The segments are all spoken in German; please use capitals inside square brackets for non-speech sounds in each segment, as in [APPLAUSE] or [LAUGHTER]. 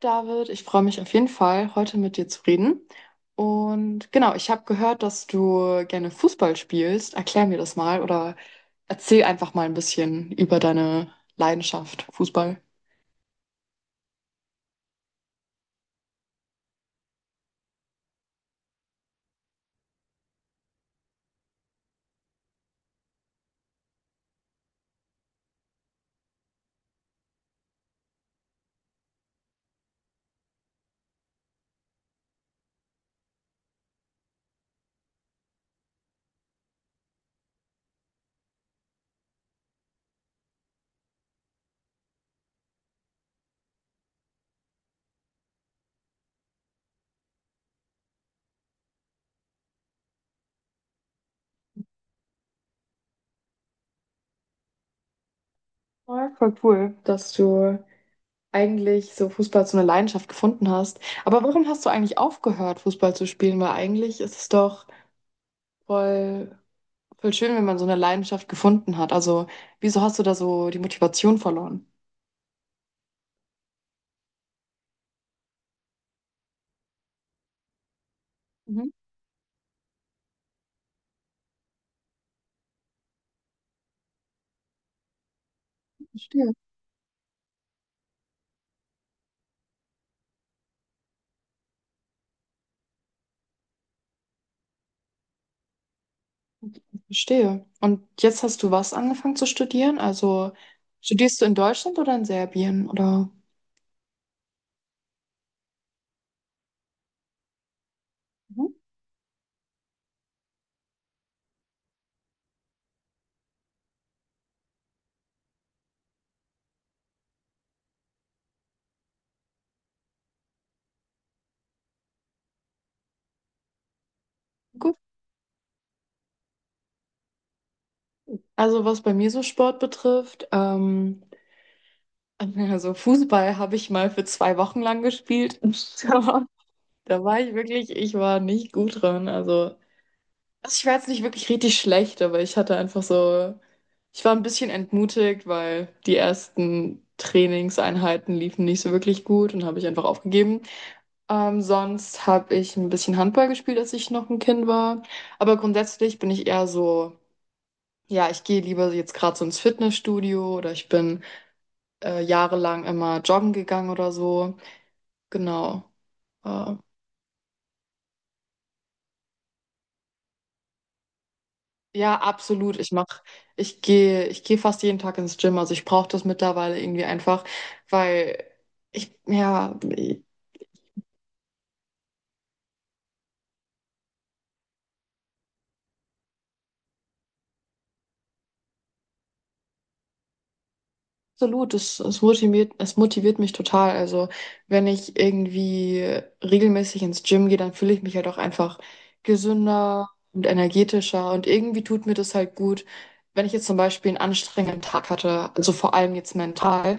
David, ich freue mich auf jeden Fall, heute mit dir zu reden. Und genau, ich habe gehört, dass du gerne Fußball spielst. Erklär mir das mal oder erzähl einfach mal ein bisschen über deine Leidenschaft Fußball. Ja, voll cool, dass du eigentlich so Fußball zu einer Leidenschaft gefunden hast. Aber warum hast du eigentlich aufgehört, Fußball zu spielen? Weil eigentlich ist es doch voll, voll schön, wenn man so eine Leidenschaft gefunden hat. Also, wieso hast du da so die Motivation verloren? Mhm, verstehe. Verstehe. Und jetzt hast du was angefangen zu studieren? Also studierst du in Deutschland oder in Serbien? Oder? Mhm. Gut. Also was bei mir so Sport betrifft, also Fußball habe ich mal für 2 Wochen lang gespielt. [LAUGHS] Aber da war ich wirklich, ich war nicht gut drin. Also ich war jetzt nicht wirklich richtig schlecht, aber ich hatte einfach so, ich war ein bisschen entmutigt, weil die ersten Trainingseinheiten liefen nicht so wirklich gut und habe ich einfach aufgegeben. Sonst habe ich ein bisschen Handball gespielt, als ich noch ein Kind war. Aber grundsätzlich bin ich eher so, ja, ich gehe lieber jetzt gerade so ins Fitnessstudio oder ich bin jahrelang immer joggen gegangen oder so. Genau. Äh, ja, absolut. Ich gehe fast jeden Tag ins Gym. Also ich brauche das mittlerweile irgendwie einfach, weil ich, ja, absolut, es motiviert mich total. Also, wenn ich irgendwie regelmäßig ins Gym gehe, dann fühle ich mich halt auch einfach gesünder und energetischer und irgendwie tut mir das halt gut. Wenn ich jetzt zum Beispiel einen anstrengenden Tag hatte, also vor allem jetzt mental,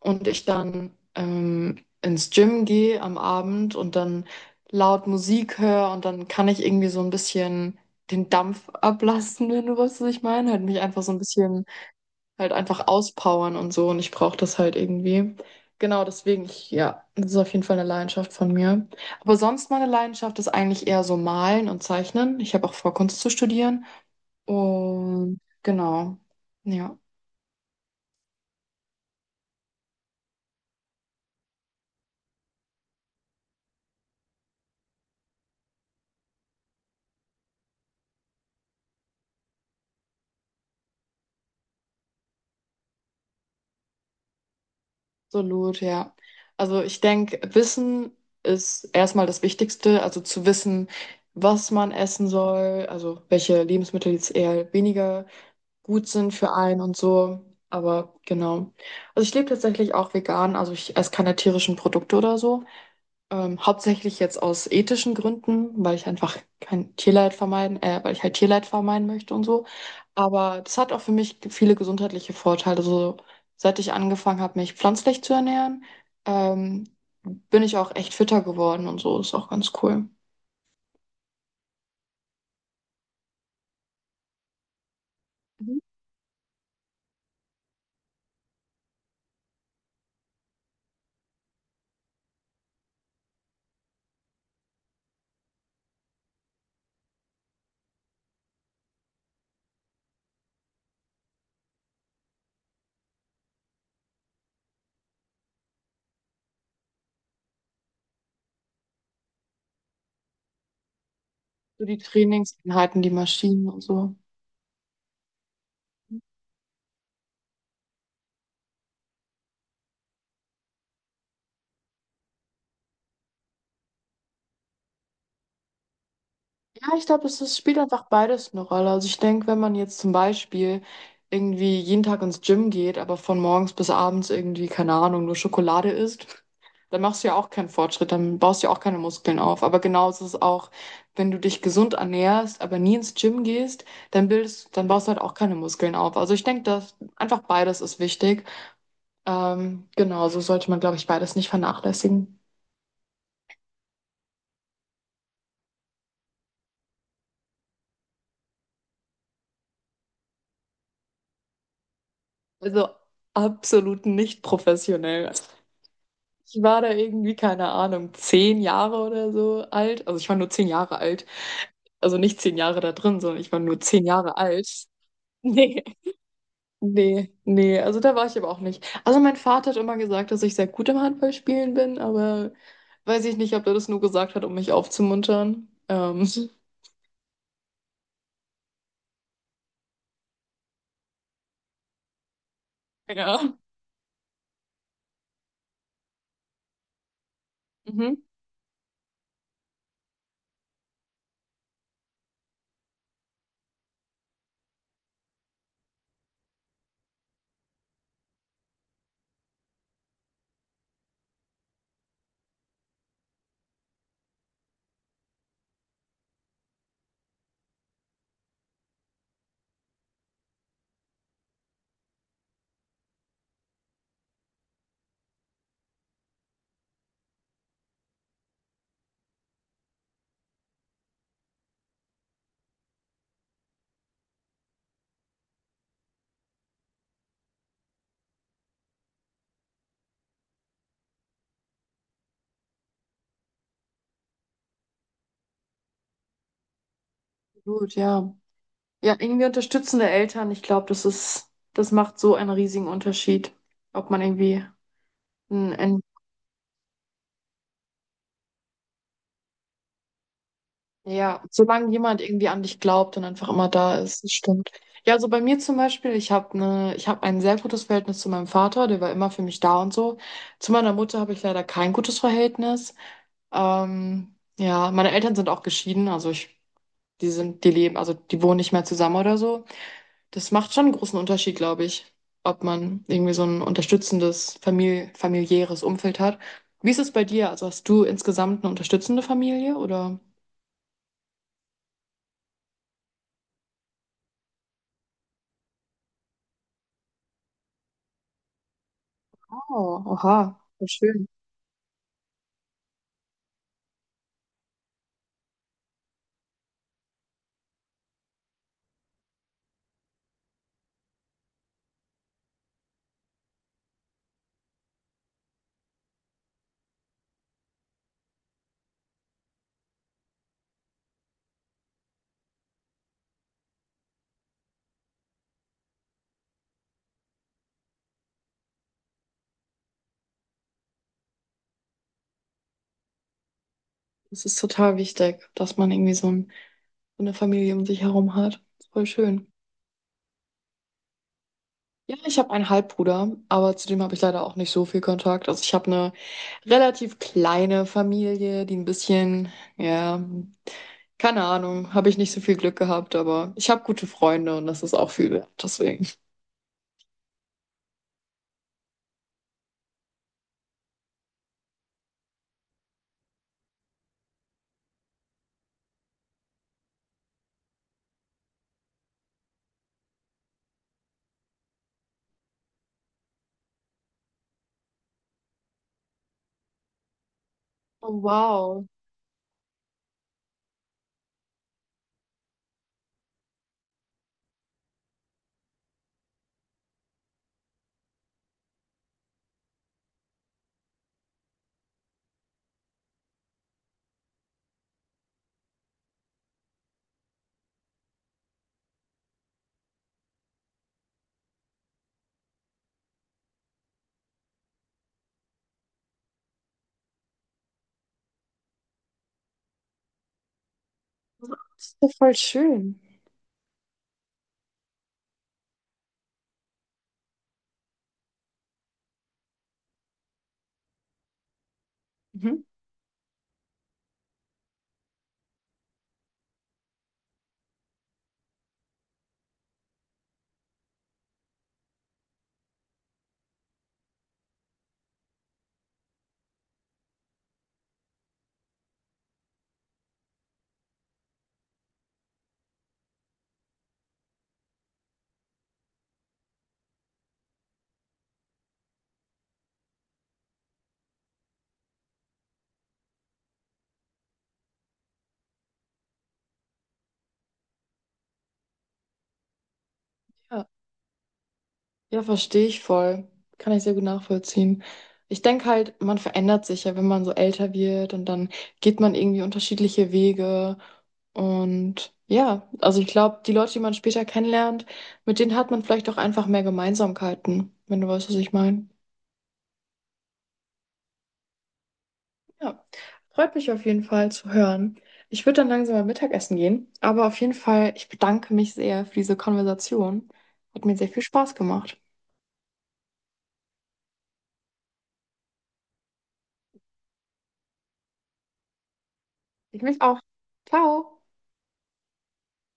und ich dann ins Gym gehe am Abend und dann laut Musik höre und dann kann ich irgendwie so ein bisschen den Dampf ablassen, wenn du weißt, was ich meine, halt mich einfach so ein bisschen halt einfach auspowern und so und ich brauche das halt irgendwie. Genau, deswegen, ich, ja, das ist auf jeden Fall eine Leidenschaft von mir. Aber sonst meine Leidenschaft ist eigentlich eher so Malen und Zeichnen. Ich habe auch vor, Kunst zu studieren. Und genau, ja, absolut, ja. Also ich denke, Wissen ist erstmal das Wichtigste, also zu wissen, was man essen soll, also welche Lebensmittel jetzt eher weniger gut sind für einen und so. Aber genau. Also ich lebe tatsächlich auch vegan, also ich esse keine tierischen Produkte oder so. Hauptsächlich jetzt aus ethischen Gründen, weil ich einfach kein Tierleid vermeiden, weil ich halt Tierleid vermeiden möchte und so. Aber das hat auch für mich viele gesundheitliche Vorteile. So, seit ich angefangen habe, mich pflanzlich zu ernähren, ähm, bin ich auch echt fitter geworden und so. Ist auch ganz cool. Mhm. So die Trainingseinheiten, die Maschinen und so. Ja, ich glaube, spielt einfach beides eine Rolle. Also ich denke, wenn man jetzt zum Beispiel irgendwie jeden Tag ins Gym geht, aber von morgens bis abends irgendwie, keine Ahnung, nur Schokolade isst, dann machst du ja auch keinen Fortschritt, dann baust du ja auch keine Muskeln auf. Aber genauso ist es auch, wenn du dich gesund ernährst, aber nie ins Gym gehst, dann baust du halt auch keine Muskeln auf. Also ich denke, dass einfach beides ist wichtig. Genau, so sollte man, glaube ich, beides nicht vernachlässigen. Also absolut nicht professionell. Ich war da irgendwie, keine Ahnung, 10 Jahre oder so alt. Also ich war nur 10 Jahre alt. Also nicht 10 Jahre da drin, sondern ich war nur zehn Jahre alt. [LAUGHS] Nee, nee, nee. Also da war ich aber auch nicht. Also mein Vater hat immer gesagt, dass ich sehr gut im Handballspielen bin, aber weiß ich nicht, ob er das nur gesagt hat, um mich aufzumuntern. [LAUGHS] Ja. Mhm. Gut, ja. Ja, irgendwie unterstützende Eltern. Ich glaube, das macht so einen riesigen Unterschied, ob man irgendwie ein Ja, solange jemand irgendwie an dich glaubt und einfach immer da ist, das stimmt. Ja, also bei mir zum Beispiel, ich habe ein sehr gutes Verhältnis zu meinem Vater, der war immer für mich da und so. Zu meiner Mutter habe ich leider kein gutes Verhältnis. Ja, meine Eltern sind auch geschieden, also ich, also die wohnen nicht mehr zusammen oder so. Das macht schon einen großen Unterschied, glaube ich, ob man irgendwie so ein unterstützendes familiäres Umfeld hat. Wie ist es bei dir? Also hast du insgesamt eine unterstützende Familie oder? Oh, aha, voll schön. Das ist total wichtig, dass man irgendwie so, so eine Familie um sich herum hat. Voll schön. Ja, ich habe einen Halbbruder, aber zu dem habe ich leider auch nicht so viel Kontakt. Also ich habe eine relativ kleine Familie, die ein bisschen, ja, keine Ahnung, habe ich nicht so viel Glück gehabt, aber ich habe gute Freunde und das ist auch viel wert, deswegen. Oh, wow, das ist ja voll schön. Mhm. Ja. Ja, verstehe ich voll. Kann ich sehr gut nachvollziehen. Ich denke halt, man verändert sich ja, wenn man so älter wird und dann geht man irgendwie unterschiedliche Wege. Und ja, also ich glaube, die Leute, die man später kennenlernt, mit denen hat man vielleicht auch einfach mehr Gemeinsamkeiten, wenn du weißt, was ich meine. Ja, freut mich auf jeden Fall zu hören. Ich würde dann langsam mal Mittagessen gehen, aber auf jeden Fall, ich bedanke mich sehr für diese Konversation. Hat mir sehr viel Spaß gemacht. Ich mich auch. Ciao.